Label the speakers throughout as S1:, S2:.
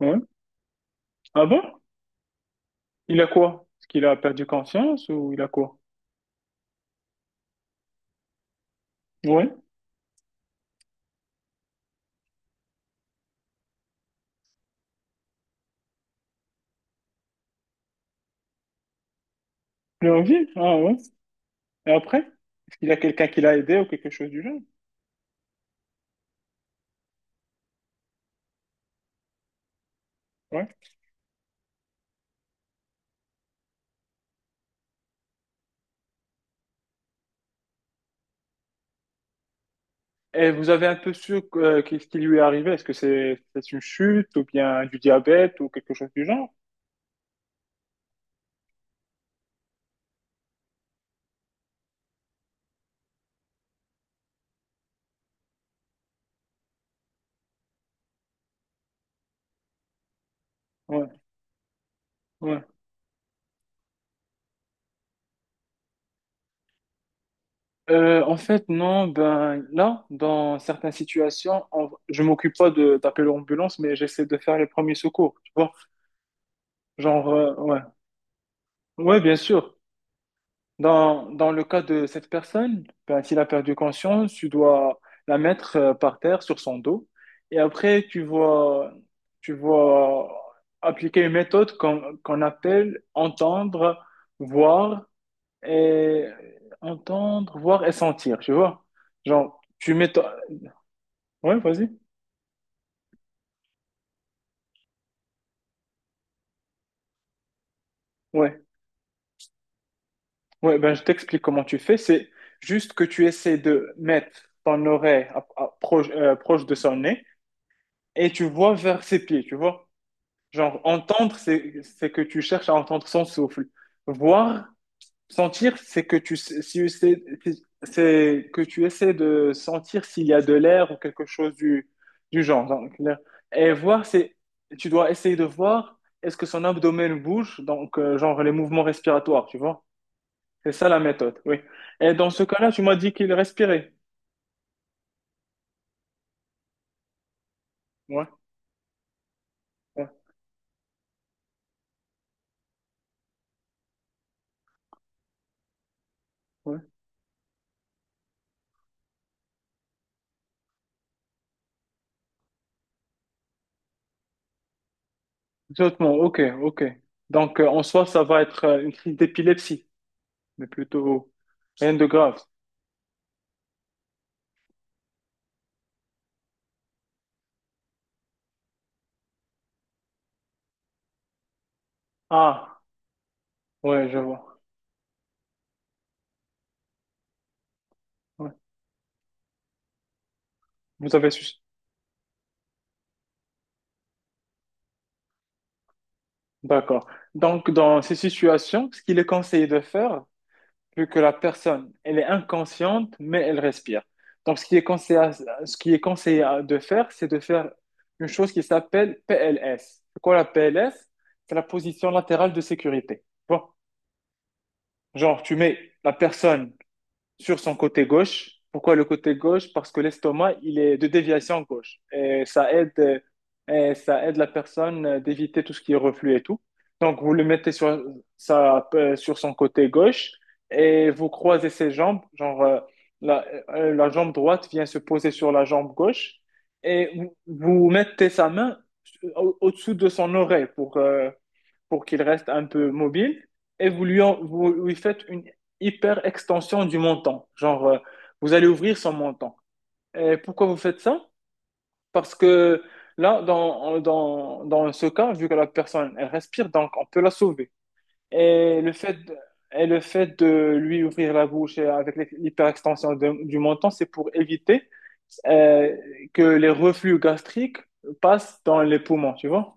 S1: Ouais. Ah bon? Il a quoi? Est-ce qu'il a perdu conscience ou il a quoi? Ouais. Il est en vie? Ah ouais. Et après? Est-ce qu'il y a quelqu'un qui l'a aidé ou quelque chose du genre? Ouais. Et vous avez un peu su qu'est-ce qui lui est arrivé? Est-ce que c'est une chute ou bien du diabète ou quelque chose du genre? Ouais. Ouais. En fait, non, ben là, dans certaines situations, je m'occupe pas de d'appeler l'ambulance, mais j'essaie de faire les premiers secours, tu vois. Genre, ouais. Ouais, bien sûr. Dans le cas de cette personne, ben, s'il a perdu conscience, tu dois la mettre par terre sur son dos. Et après, tu vois, appliquer une méthode qu'on appelle voir et entendre, voir et sentir, tu vois. Genre, Ouais, vas-y. Ouais. Ouais, ben, je t'explique comment tu fais. C'est juste que tu essaies de mettre ton oreille proche, proche de son nez et tu vois vers ses pieds, tu vois. Genre, entendre, c'est que tu cherches à entendre son souffle. Voir, sentir, c'est que tu, sais- si c'est c'est que tu essaies de sentir s'il y a de l'air ou quelque chose du genre. Donc, là. Et voir, c'est, tu dois essayer de voir est-ce que son abdomen bouge, donc, genre, les mouvements respiratoires, tu vois. C'est ça la méthode, oui. Et dans ce cas-là, tu m'as dit qu'il respirait. Ouais, ouais, ouais. Exactement, ok, ok. Donc, en soi, ça va être une crise d'épilepsie, mais plutôt rien de grave. Ah, ouais, je vois. Ouais. Vous avez su. D'accord. Donc, dans ces situations, ce qu'il est conseillé de faire, vu que la personne, elle est inconsciente, mais elle respire. Donc, ce qui est conseillé de faire, c'est de faire une chose qui s'appelle PLS. C'est quoi la PLS? C'est la position latérale de sécurité. Bon, genre, tu mets la personne sur son côté gauche. Pourquoi le côté gauche? Parce que l'estomac, il est de déviation gauche. Et ça aide, la personne d'éviter tout ce qui est reflux et tout. Donc, vous le mettez sur, ça, sur son côté gauche et vous croisez ses jambes. Genre, la jambe droite vient se poser sur la jambe gauche et vous mettez sa main au-dessous de son oreille pour qu'il reste un peu mobile et vous lui faites une hyper extension du montant. Genre, vous allez ouvrir son montant. Et pourquoi vous faites ça? Parce que là, dans ce cas, vu que la personne, elle respire, donc on peut la sauver. Et le fait, de- et le fait de lui ouvrir la bouche et avec l'hyperextension du menton, c'est pour éviter euh, que les reflux gastriques passent dans les poumons, tu vois?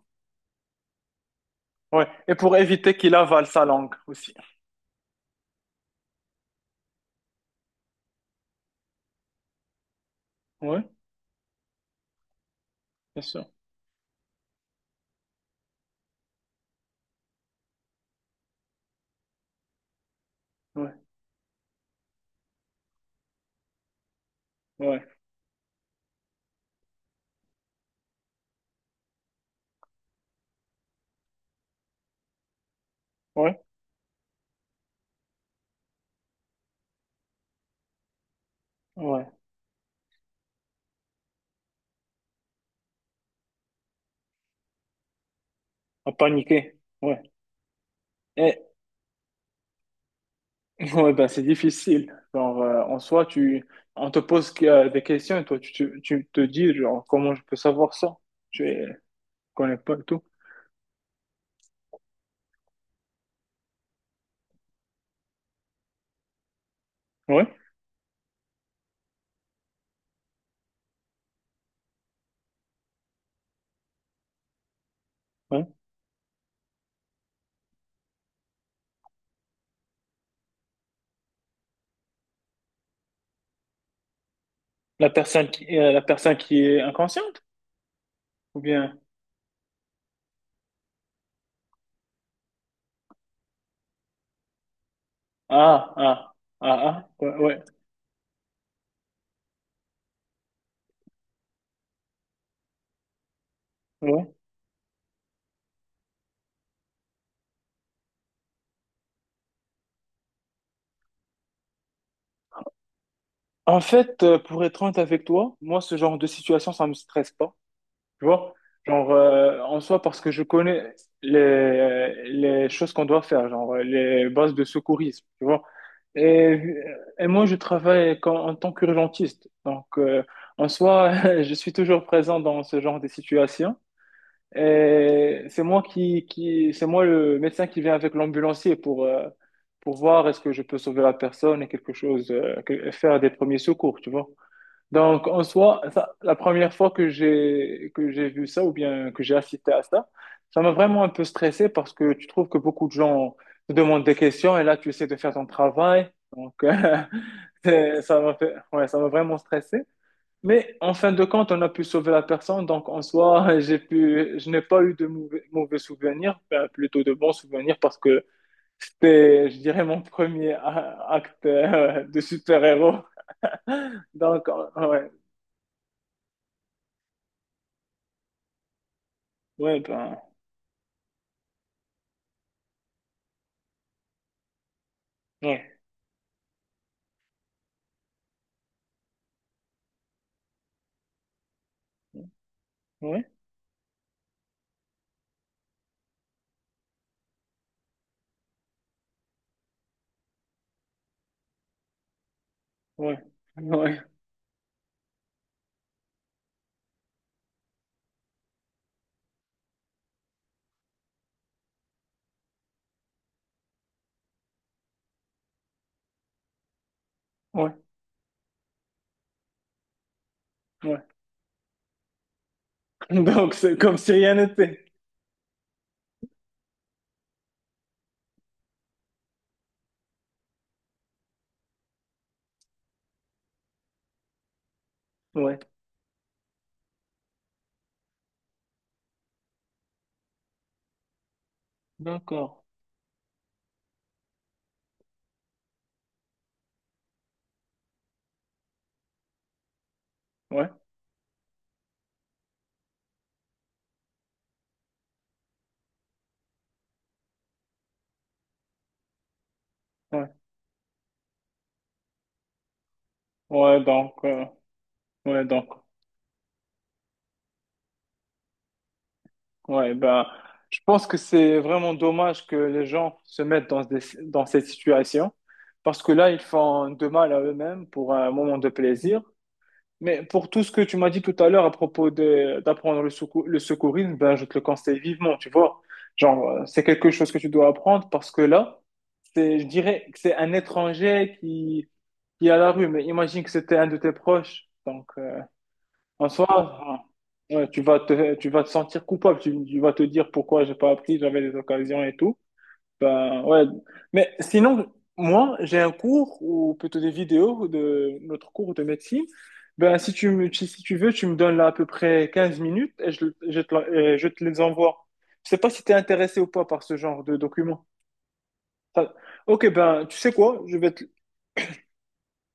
S1: Ouais. Et pour éviter qu'il avale sa langue aussi. Ouais. Bien sûr. Ouais, ouais, ouais, ouais. À paniquer. Ouais. Et, ouais, ben, c'est difficile. Genre, en soi, on te pose des questions et toi, tu te dis, genre, comment je peux savoir ça? Je ne connais pas et tout. Ouais, ouais. La personne qui est inconsciente? Ou bien, ah, ah, ah, ah, ouais, ouais, ouais. En fait, pour être honnête avec toi, moi, ce genre de situation, ça me stresse pas. Tu vois? Genre, en soi, parce que je connais les choses qu'on doit faire, genre les bases de secourisme, tu vois? Et, moi, je travaille en tant qu'urgentiste. Donc, en soi, je suis toujours présent dans ce genre de situation. Et c'est moi le médecin qui vient avec l'ambulancier pour voir est-ce que je peux sauver la personne et quelque chose, faire des premiers secours, tu vois? Donc, en soi, ça, la première fois que j'ai vu ça ou bien que j'ai assisté à ça, ça m'a vraiment un peu stressé parce que tu trouves que beaucoup de gens te demandent des questions et là, tu essaies de faire ton travail. Donc, ça m'a fait, ouais, ça m'a vraiment stressé. Mais en fin de compte, on a pu sauver la personne. Donc, en soi, je n'ai pas eu de mauvais souvenirs, enfin, plutôt de bons souvenirs parce que c'était, je dirais, mon premier acte de super-héros. Donc, ouais, ouais, ben. Ouais, ouais, ouais, ouais, ouais, ouais. Donc, c'est comme si rien n'était. Ouais, d'accord. Ouais, ouais, ouais, donc, ouais, donc, ouais, ben, je pense que c'est vraiment dommage que les gens se mettent dans cette situation parce que là, ils font de mal à eux-mêmes pour un moment de plaisir. Mais pour tout ce que tu m'as dit tout à l'heure à propos de d'apprendre le secourisme, ben, je te le conseille vivement, tu vois. Genre, c'est quelque chose que tu dois apprendre parce que là, c'est, je dirais que c'est un étranger qui est à la rue, mais imagine que c'était un de tes proches. Donc, en soi, ouais, tu vas te sentir coupable. Tu vas te dire pourquoi j'ai pas appris, j'avais des occasions et tout. Ben, ouais. Mais sinon, moi, j'ai un cours ou plutôt des vidéos de notre cours de médecine. Ben, si tu veux, tu me donnes là à peu près 15 minutes et je te, je te les envoie. Je sais pas si tu es intéressé ou pas par ce genre de documents. Ça- Ok, ben, tu sais quoi?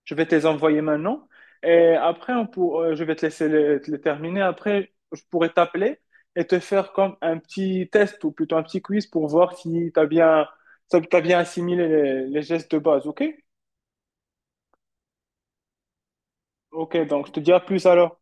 S1: Je vais te les envoyer maintenant. Et après, je vais te laisser te les terminer. Après, je pourrais t'appeler et te faire comme un petit test ou plutôt un petit quiz pour voir si t'as bien assimilé les gestes de base. OK? OK, donc je te dis à plus alors.